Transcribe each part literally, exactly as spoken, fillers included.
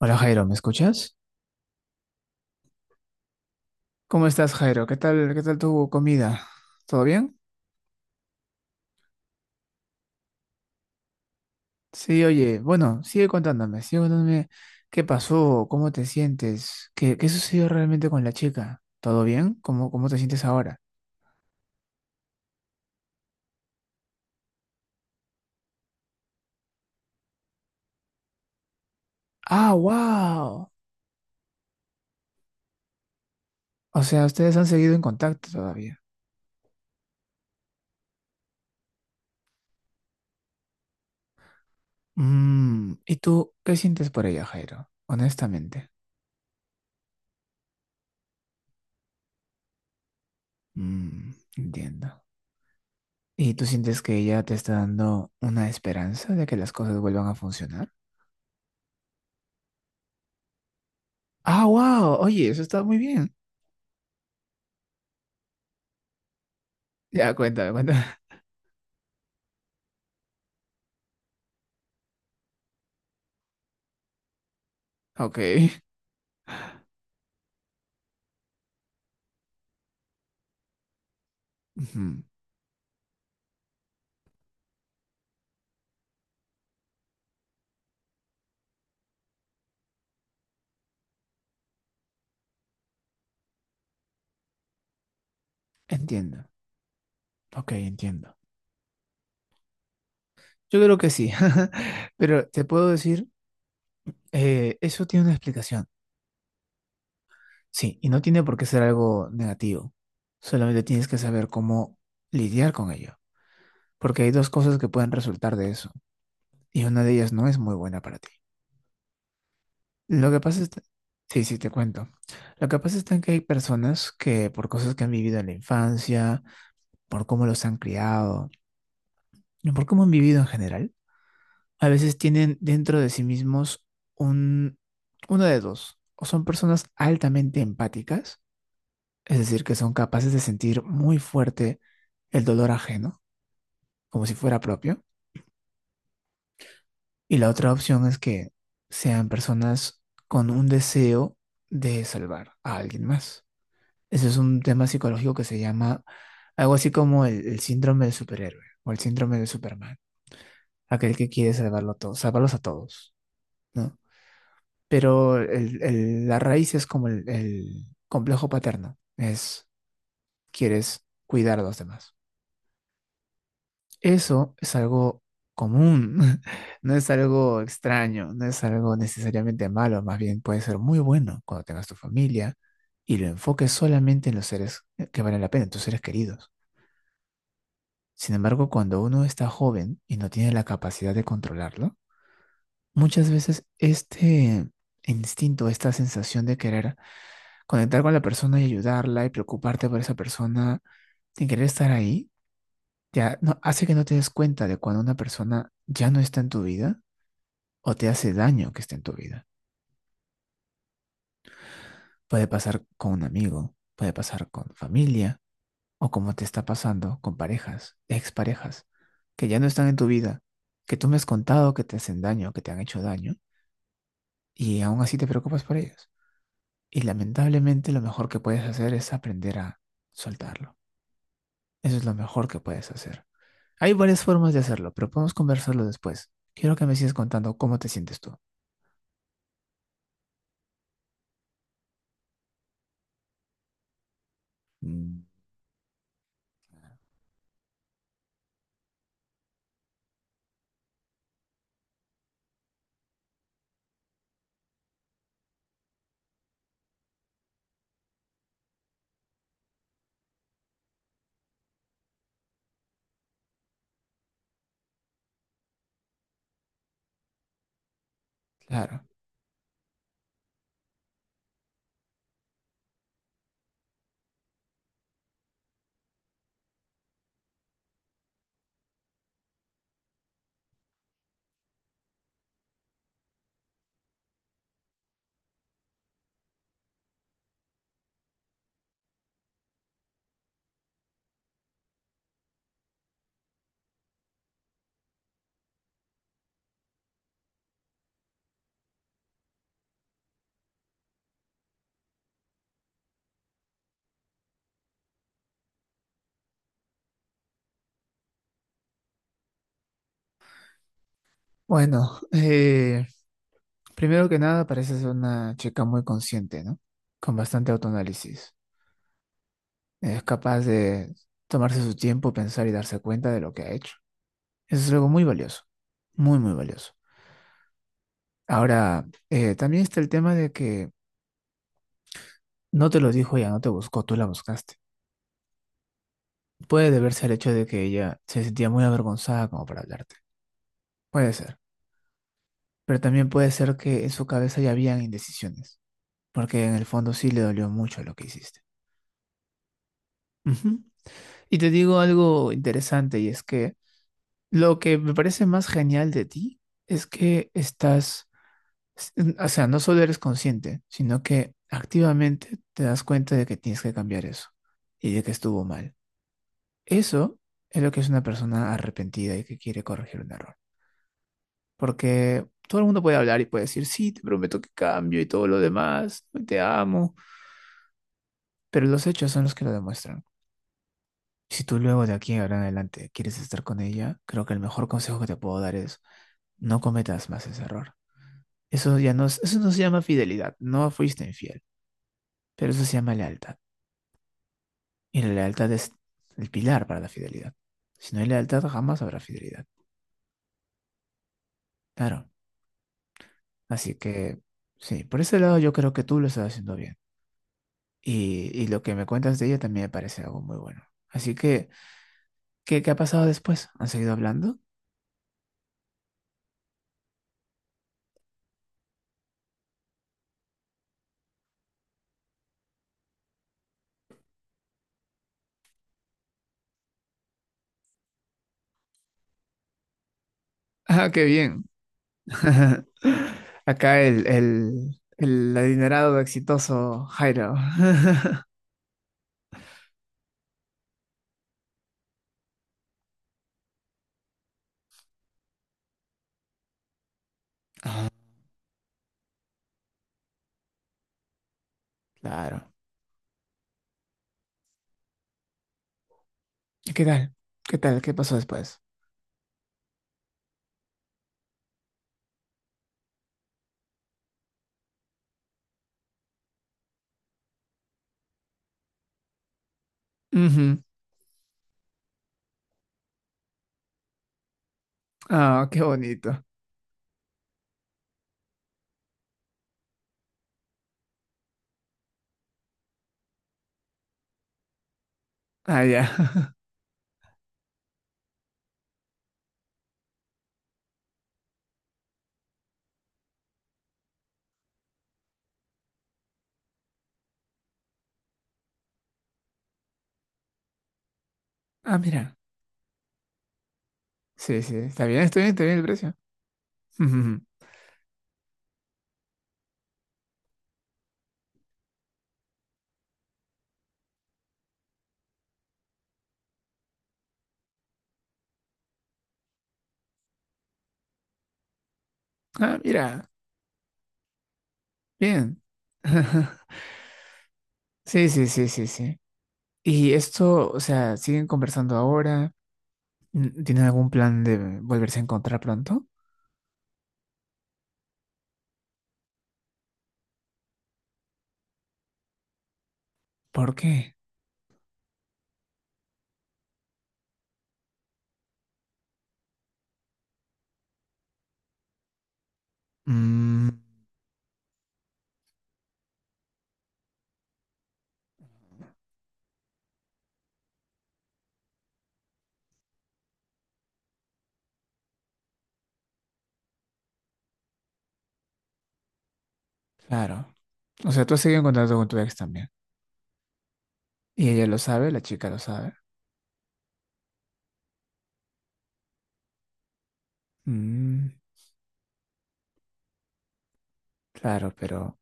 Hola Jairo, ¿me escuchas? ¿Cómo estás, Jairo? ¿Qué tal, qué tal tu comida? ¿Todo bien? Sí, oye, bueno, sigue contándome, sigue contándome qué pasó, cómo te sientes, qué, qué sucedió realmente con la chica. ¿Todo bien? ¿Cómo, cómo te sientes ahora? Ah, wow. O sea, ustedes han seguido en contacto todavía. Mm, ¿y tú qué sientes por ella, Jairo? Honestamente. Mm, entiendo. ¿Y tú sientes que ella te está dando una esperanza de que las cosas vuelvan a funcionar? Ah, wow. Oye, eso está muy bien. Ya, cuéntame, cuéntame. Ok. Ujú. Entiendo. Ok, entiendo. Yo creo que sí. Pero te puedo decir, eh, eso tiene una explicación. Sí, y no tiene por qué ser algo negativo. Solamente tienes que saber cómo lidiar con ello. Porque hay dos cosas que pueden resultar de eso. Y una de ellas no es muy buena para ti. Lo que pasa es... Sí, sí, te cuento. Lo que pasa es que hay personas que por cosas que han vivido en la infancia, por cómo los han criado y por cómo han vivido en general, a veces tienen dentro de sí mismos un, uno de dos, o son personas altamente empáticas, es decir, que son capaces de sentir muy fuerte el dolor ajeno, como si fuera propio, y la otra opción es que sean personas con un deseo de salvar a alguien más. Ese es un tema psicológico que se llama algo así como el, el síndrome del superhéroe o el síndrome de Superman, aquel que quiere salvarlo a todos, salvarlos a todos, ¿no? Pero el- el- la raíz es como el, el complejo paterno, es quieres cuidar a los demás. Eso es algo común, no es algo extraño, no es algo necesariamente malo, más bien puede ser muy bueno cuando tengas tu familia y lo enfoques solamente en los seres que valen la pena, en tus seres queridos. Sin embargo, cuando uno está joven y no tiene la capacidad de controlarlo, muchas veces este instinto, esta sensación de querer conectar con la persona y ayudarla y preocuparte por esa persona sin querer estar ahí, ya no, hace que no te des cuenta de cuando una persona ya no está en tu vida o te hace daño que esté en tu vida. Puede pasar con un amigo, puede pasar con familia o como te está pasando con parejas, exparejas, que ya no están en tu vida, que tú me has contado que te hacen daño, que te han hecho daño y aún así te preocupas por ellas. Y lamentablemente lo mejor que puedes hacer es aprender a soltarlo. Eso es lo mejor que puedes hacer. Hay varias formas de hacerlo, pero podemos conversarlo después. Quiero que me sigas contando cómo te sientes tú. Mm, claro. Bueno, eh, primero que nada, pareces una chica muy consciente, ¿no? Con bastante autoanálisis. Es capaz de tomarse su tiempo, pensar y darse cuenta de lo que ha hecho. Eso es algo muy valioso, muy, muy valioso. Ahora, eh, también está el tema de que no te lo dijo ella, no te buscó, tú la buscaste. Puede deberse al hecho de que ella se sentía muy avergonzada como para hablarte. Puede ser. Pero también puede ser que en su cabeza ya habían indecisiones, porque en el fondo sí le dolió mucho lo que hiciste. Ujú. Y te digo algo interesante y es que lo que me parece más genial de ti es que estás, s- o sea, no solo eres consciente, sino que activamente te das cuenta de que tienes que cambiar eso y de que estuvo mal. Eso es lo que es una persona arrepentida y que quiere corregir un error. Porque todo el mundo puede hablar y puede decir, sí, te prometo que cambio y todo lo demás, y te amo, pero los hechos son los que lo demuestran. Si tú luego de aquí ahora en adelante quieres estar con ella, creo que el mejor consejo que te puedo dar es no cometas más ese error. Eso ya no, es- eso no se llama fidelidad, no fuiste infiel, pero eso se llama lealtad. Y la lealtad es el pilar para la fidelidad. Si no hay lealtad, jamás habrá fidelidad. Claro. Así que, sí, por ese lado yo creo que tú lo estás haciendo bien. Y, y lo que me cuentas de ella también me parece algo muy bueno. Así que, ¿qué, qué ha pasado después? ¿Han seguido hablando? Ah, qué bien. Acá el, el, el adinerado exitoso Jairo. Ah, claro. ¿Y qué tal? ¿Qué tal? ¿Qué pasó después? Ujú. Ah, qué bonito. Ah, ya. Ah, mira. Sí, sí. Está bien, está bien, está bien el precio. Ujú. Ah, mira. Bien. Sí, sí, sí, sí, sí. Y esto, o sea, siguen conversando ahora. Mm, ¿tienen algún plan de volverse a encontrar pronto? ¿Por qué? Mm, claro. O sea, tú has seguido en contacto con tu ex también. Y ella lo sabe, la chica lo sabe. Mm, claro, pero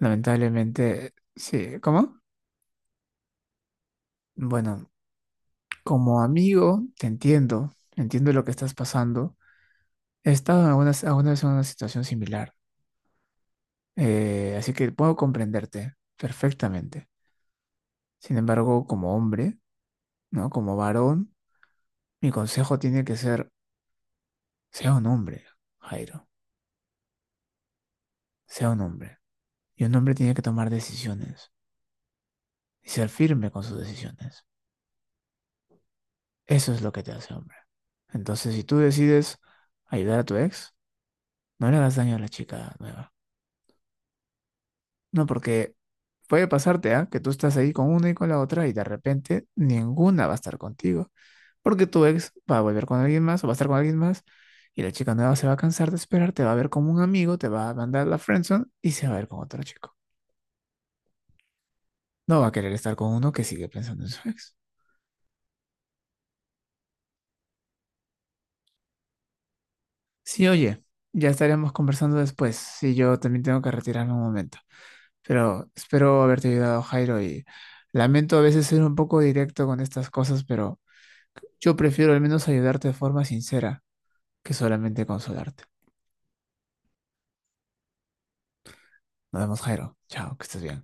lamentablemente, sí. ¿Cómo? Bueno, como amigo, te entiendo. Entiendo lo que estás pasando. He estado alguna, alguna vez en una situación similar. Eh, así que puedo comprenderte perfectamente. Sin embargo, como hombre, ¿no? Como varón, mi consejo tiene que ser sea un hombre, Jairo, sea un hombre. Y un hombre tiene que tomar decisiones y ser firme con sus decisiones. Eso es lo que te hace hombre. Entonces, si tú decides ayudar a tu ex, no le hagas daño a la chica nueva. No, porque puede pasarte, ¿ah? Que tú estás ahí con una y con la otra y de repente ninguna va a estar contigo. Porque tu ex va a volver con alguien más o va a estar con alguien más y la chica nueva se va a cansar de esperar, te va a ver como un amigo, te va a mandar la friendzone y se va a ver con otro chico. No va a querer estar con uno que sigue pensando en su ex. Sí, oye, ya estaremos conversando después. Sí, yo también tengo que retirarme un momento. Pero espero haberte ayudado, Jairo, y lamento a veces ser un poco directo con estas cosas, pero yo prefiero al menos ayudarte de forma sincera que solamente consolarte. Nos vemos, Jairo. Chao, que estés bien.